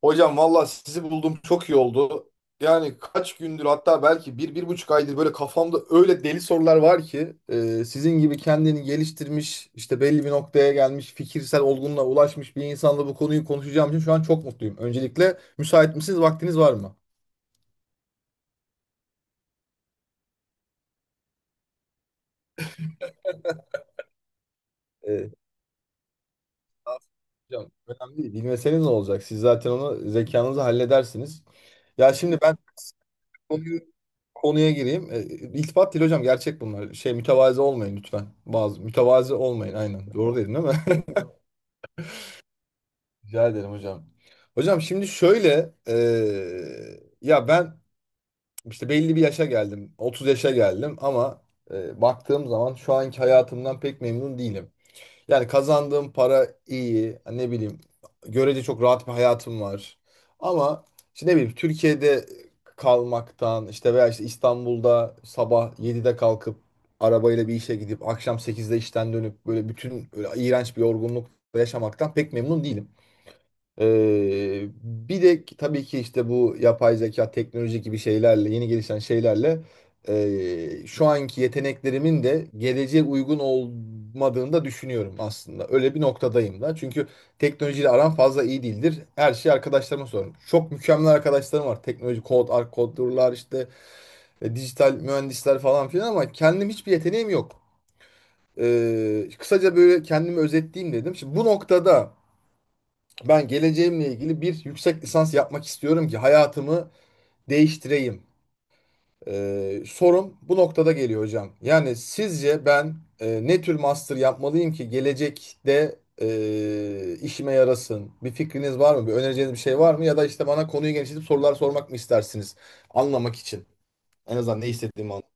Hocam valla sizi buldum çok iyi oldu. Yani kaç gündür hatta belki bir, 1,5 aydır böyle kafamda öyle deli sorular var ki sizin gibi kendini geliştirmiş işte belli bir noktaya gelmiş fikirsel olgunluğa ulaşmış bir insanla bu konuyu konuşacağım için şu an çok mutluyum. Öncelikle müsait misiniz? Vaktiniz var mı? E, hocam önemli değil. Bilmeseniz ne olacak? Siz zaten onu zekanızla halledersiniz. Ya şimdi ben konuya gireyim. İltifat değil hocam gerçek bunlar. Şey mütevazi olmayın lütfen. Bazı mütevazi olmayın aynen. Doğru dedim değil mi? Rica ederim hocam. Hocam şimdi şöyle ya ben işte belli bir yaşa geldim. 30 yaşa geldim ama baktığım zaman şu anki hayatımdan pek memnun değilim. Yani kazandığım para iyi. Ne bileyim. Görece çok rahat bir hayatım var. Ama işte ne bileyim Türkiye'de kalmaktan işte veya işte İstanbul'da sabah 7'de kalkıp arabayla bir işe gidip akşam sekizde işten dönüp böyle bütün böyle iğrenç bir yorgunluk yaşamaktan pek memnun değilim. Bir de tabii ki işte bu yapay zeka, teknoloji gibi şeylerle, yeni gelişen şeylerle şu anki yeteneklerimin de geleceğe uygun olmadığını da düşünüyorum aslında. Öyle bir noktadayım da. Çünkü teknolojiyle aram fazla iyi değildir. Her şeyi arkadaşlarıma sorarım. Çok mükemmel arkadaşlarım var. Teknoloji, kod, kodurlar işte dijital mühendisler falan filan ama kendim hiçbir yeteneğim yok. Kısaca böyle kendimi özetleyeyim dedim. Şimdi bu noktada ben geleceğimle ilgili bir yüksek lisans yapmak istiyorum ki hayatımı değiştireyim. Sorum bu noktada geliyor hocam. Yani sizce ben ne tür master yapmalıyım ki gelecekte işime yarasın? Bir fikriniz var mı? Bir önereceğiniz bir şey var mı? Ya da işte bana konuyu genişletip sorular sormak mı istersiniz? Anlamak için. En azından ne istediğimi anlamak.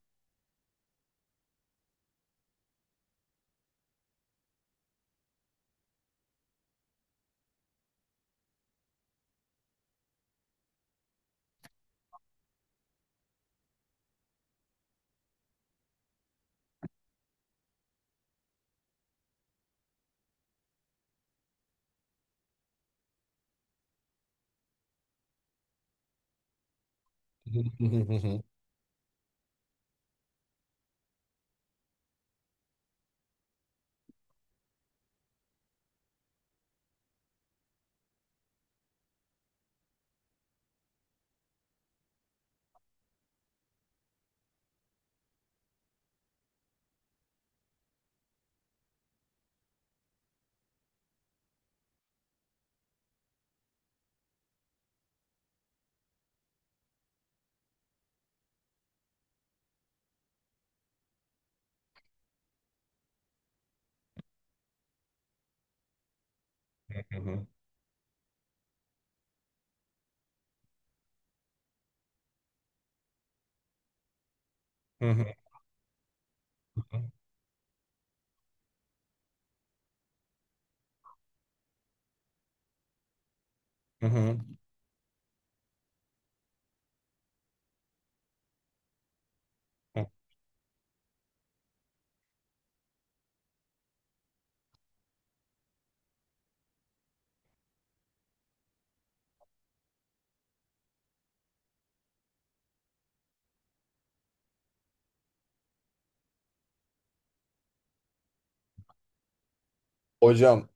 Hocam.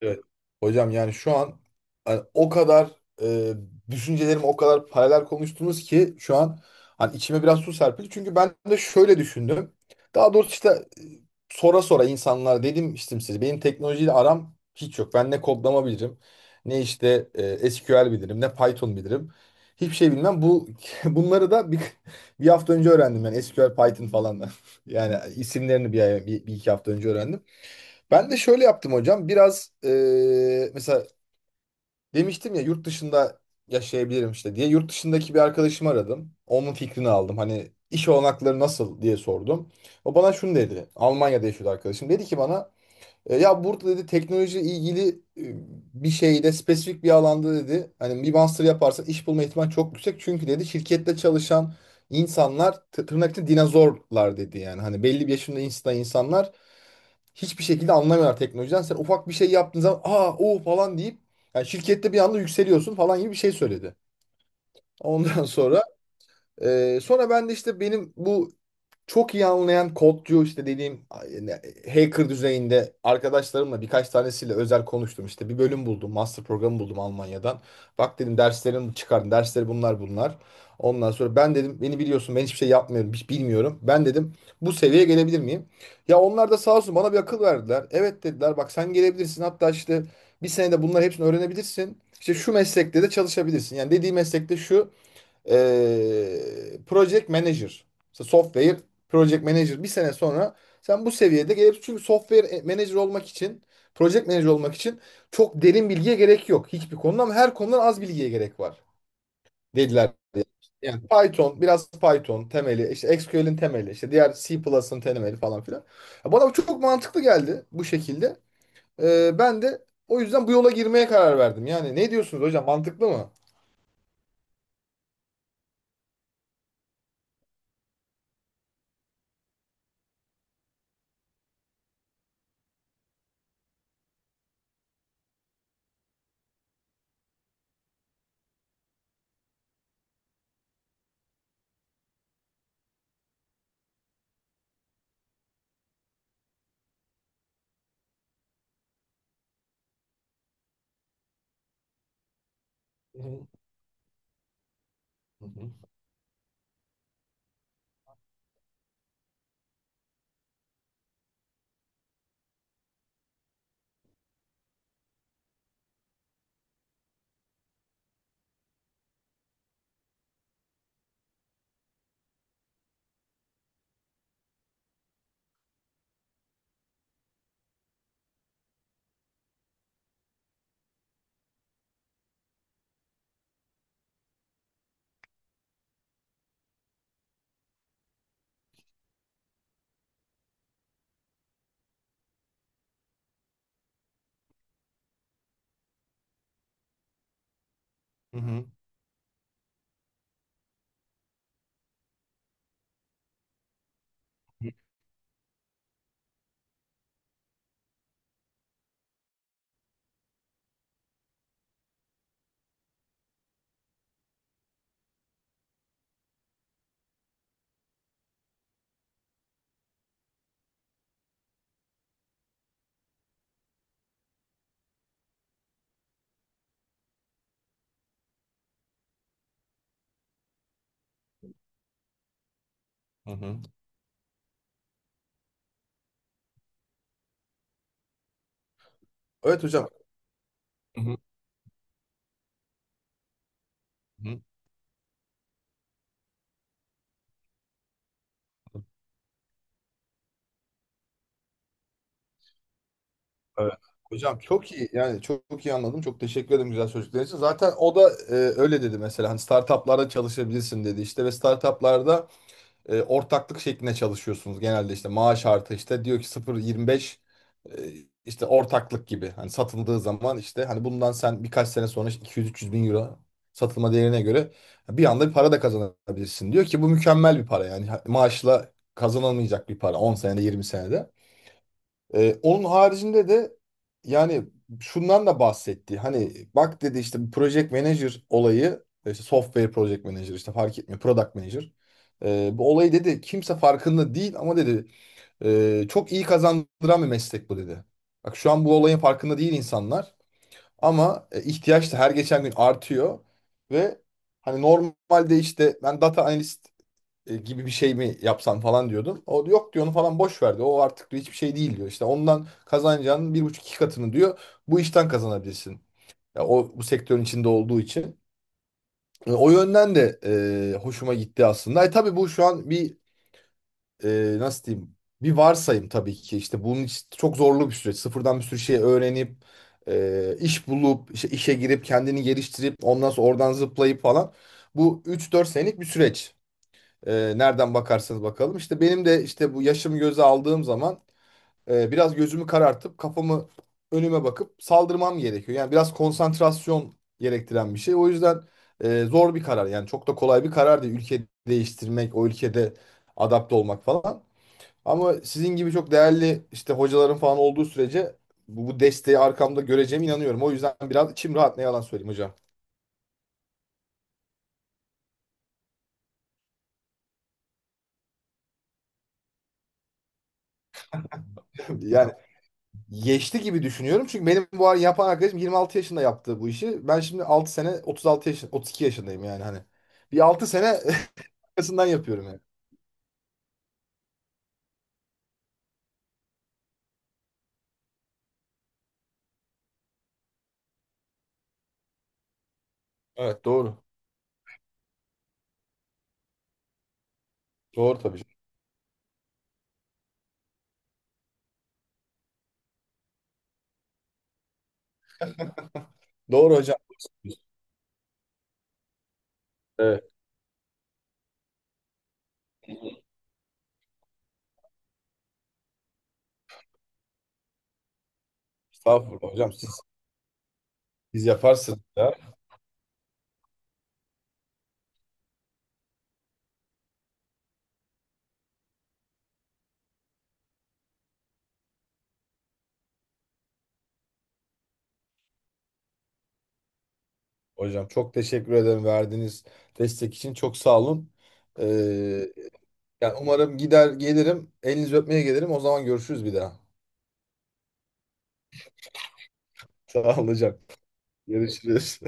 Evet. Hocam yani şu an hani o kadar e, düşüncelerim o kadar paralel konuştunuz ki şu an hani içime biraz su serpildi. Çünkü ben de şöyle düşündüm. Daha doğrusu işte sora sora insanlar dedim işte size benim teknolojiyle aram hiç yok. Ben ne kodlama bilirim, ne işte SQL bilirim, ne Python bilirim. Hiçbir şey bilmem. Bu bunları da bir hafta önce öğrendim yani SQL, Python falan. Da Yani isimlerini bir iki hafta önce öğrendim. Ben de şöyle yaptım hocam. Biraz mesela demiştim ya yurt dışında yaşayabilirim işte diye. Yurt dışındaki bir arkadaşımı aradım. Onun fikrini aldım. Hani iş olanakları nasıl diye sordum. O bana şunu dedi. Almanya'da yaşıyordu arkadaşım. Dedi ki bana ya burada dedi teknoloji ilgili e, bir şeyde spesifik bir alanda dedi hani bir master yaparsan iş bulma ihtimali çok yüksek. Çünkü dedi şirkette çalışan insanlar tırnak içinde dinozorlar dedi yani. Hani belli bir yaşında insanlar hiçbir şekilde anlamıyorlar teknolojiden. Sen ufak bir şey yaptığın zaman aa o falan deyip yani şirkette bir anda yükseliyorsun falan gibi bir şey söyledi. Ondan sonra ben de işte benim bu çok iyi anlayan kodcu işte dediğim yani hacker düzeyinde arkadaşlarımla birkaç tanesiyle özel konuştum. İşte bir bölüm buldum. Master programı buldum Almanya'dan. Bak dedim derslerimi çıkardım. Dersleri bunlar bunlar. Ondan sonra ben dedim beni biliyorsun ben hiçbir şey yapmıyorum. Hiç bilmiyorum. Ben dedim bu seviyeye gelebilir miyim? Ya onlar da sağ olsun bana bir akıl verdiler. Evet dediler bak sen gelebilirsin. Hatta işte bir senede bunların hepsini öğrenebilirsin. İşte şu meslekte de çalışabilirsin. Yani dediği meslekte şu project manager. İşte software project manager bir sene sonra sen bu seviyede gelip çünkü software manager olmak için project manager olmak için çok derin bilgiye gerek yok hiçbir konuda ama her konudan az bilgiye gerek var dediler. Yani Python, biraz Python temeli, işte SQL'in temeli, işte diğer C++'ın temeli falan filan. Ya bana bu çok mantıklı geldi bu şekilde. Ben de o yüzden bu yola girmeye karar verdim. Yani ne diyorsunuz hocam? Mantıklı mı? Hı hı. Hı hı. Hı hı. Evet hocam. Hı hı, hı. Evet. Hocam çok iyi yani çok, çok iyi anladım. Çok teşekkür ederim güzel sözcükler için. Zaten o da öyle dedi mesela hani startuplarda çalışabilirsin dedi işte ve startuplarda ortaklık şeklinde çalışıyorsunuz genelde işte maaş artı işte diyor ki 0,25 e, işte ortaklık gibi hani satıldığı zaman işte hani bundan sen birkaç sene sonra işte 200-300 bin euro satılma değerine göre bir anda bir para da kazanabilirsin. Diyor ki bu mükemmel bir para yani maaşla kazanılmayacak bir para 10 senede 20 senede. Onun haricinde de yani şundan da bahsetti. Hani bak dedi işte bu project manager olayı işte software project manager işte fark etmiyor product manager. Bu olayı dedi kimse farkında değil ama dedi çok iyi kazandıran bir meslek bu dedi. Bak şu an bu olayın farkında değil insanlar ama ihtiyaç da her geçen gün artıyor ve hani normalde işte ben data analist gibi bir şey mi yapsan falan diyordum. O da yok diyor onu falan boş verdi. O artık diyor, hiçbir şey değil diyor. İşte ondan kazanacağının 1,5-2 katını diyor. Bu işten kazanabilirsin. Ya o bu sektörün içinde olduğu için. O yönden de hoşuma gitti aslında. Tabii bu şu an bir nasıl diyeyim bir varsayım tabii ki. İşte bunun için çok zorlu bir süreç. Sıfırdan bir sürü şey öğrenip iş bulup işte işe girip kendini geliştirip ondan sonra oradan zıplayıp falan. Bu 3-4 senelik bir süreç. Nereden bakarsanız bakalım. İşte benim de işte bu yaşımı göze aldığım zaman biraz gözümü karartıp kafamı önüme bakıp saldırmam gerekiyor. Yani biraz konsantrasyon gerektiren bir şey. O yüzden zor bir karar. Yani çok da kolay bir karar değil. Ülke değiştirmek, o ülkede adapte olmak falan. Ama sizin gibi çok değerli işte hocaların falan olduğu sürece bu desteği arkamda göreceğime inanıyorum. O yüzden biraz içim rahat ne yalan söyleyeyim hocam. Yani geçti gibi düşünüyorum. Çünkü benim bu ara yapan arkadaşım 26 yaşında yaptı bu işi. Ben şimdi 6 sene 36 yaşın 32 yaşındayım yani hani. Bir 6 sene arkasından yapıyorum yani. Evet doğru. Doğru tabii. Doğru hocam. Evet. Estağfurullah hocam siz yaparsınız ya. Hocam çok teşekkür ederim verdiğiniz destek için. Çok sağ olun. Ee, yani umarım gider gelirim. Elinizi öpmeye gelirim. O zaman görüşürüz bir daha. Sağ olun hocam. Görüşürüz.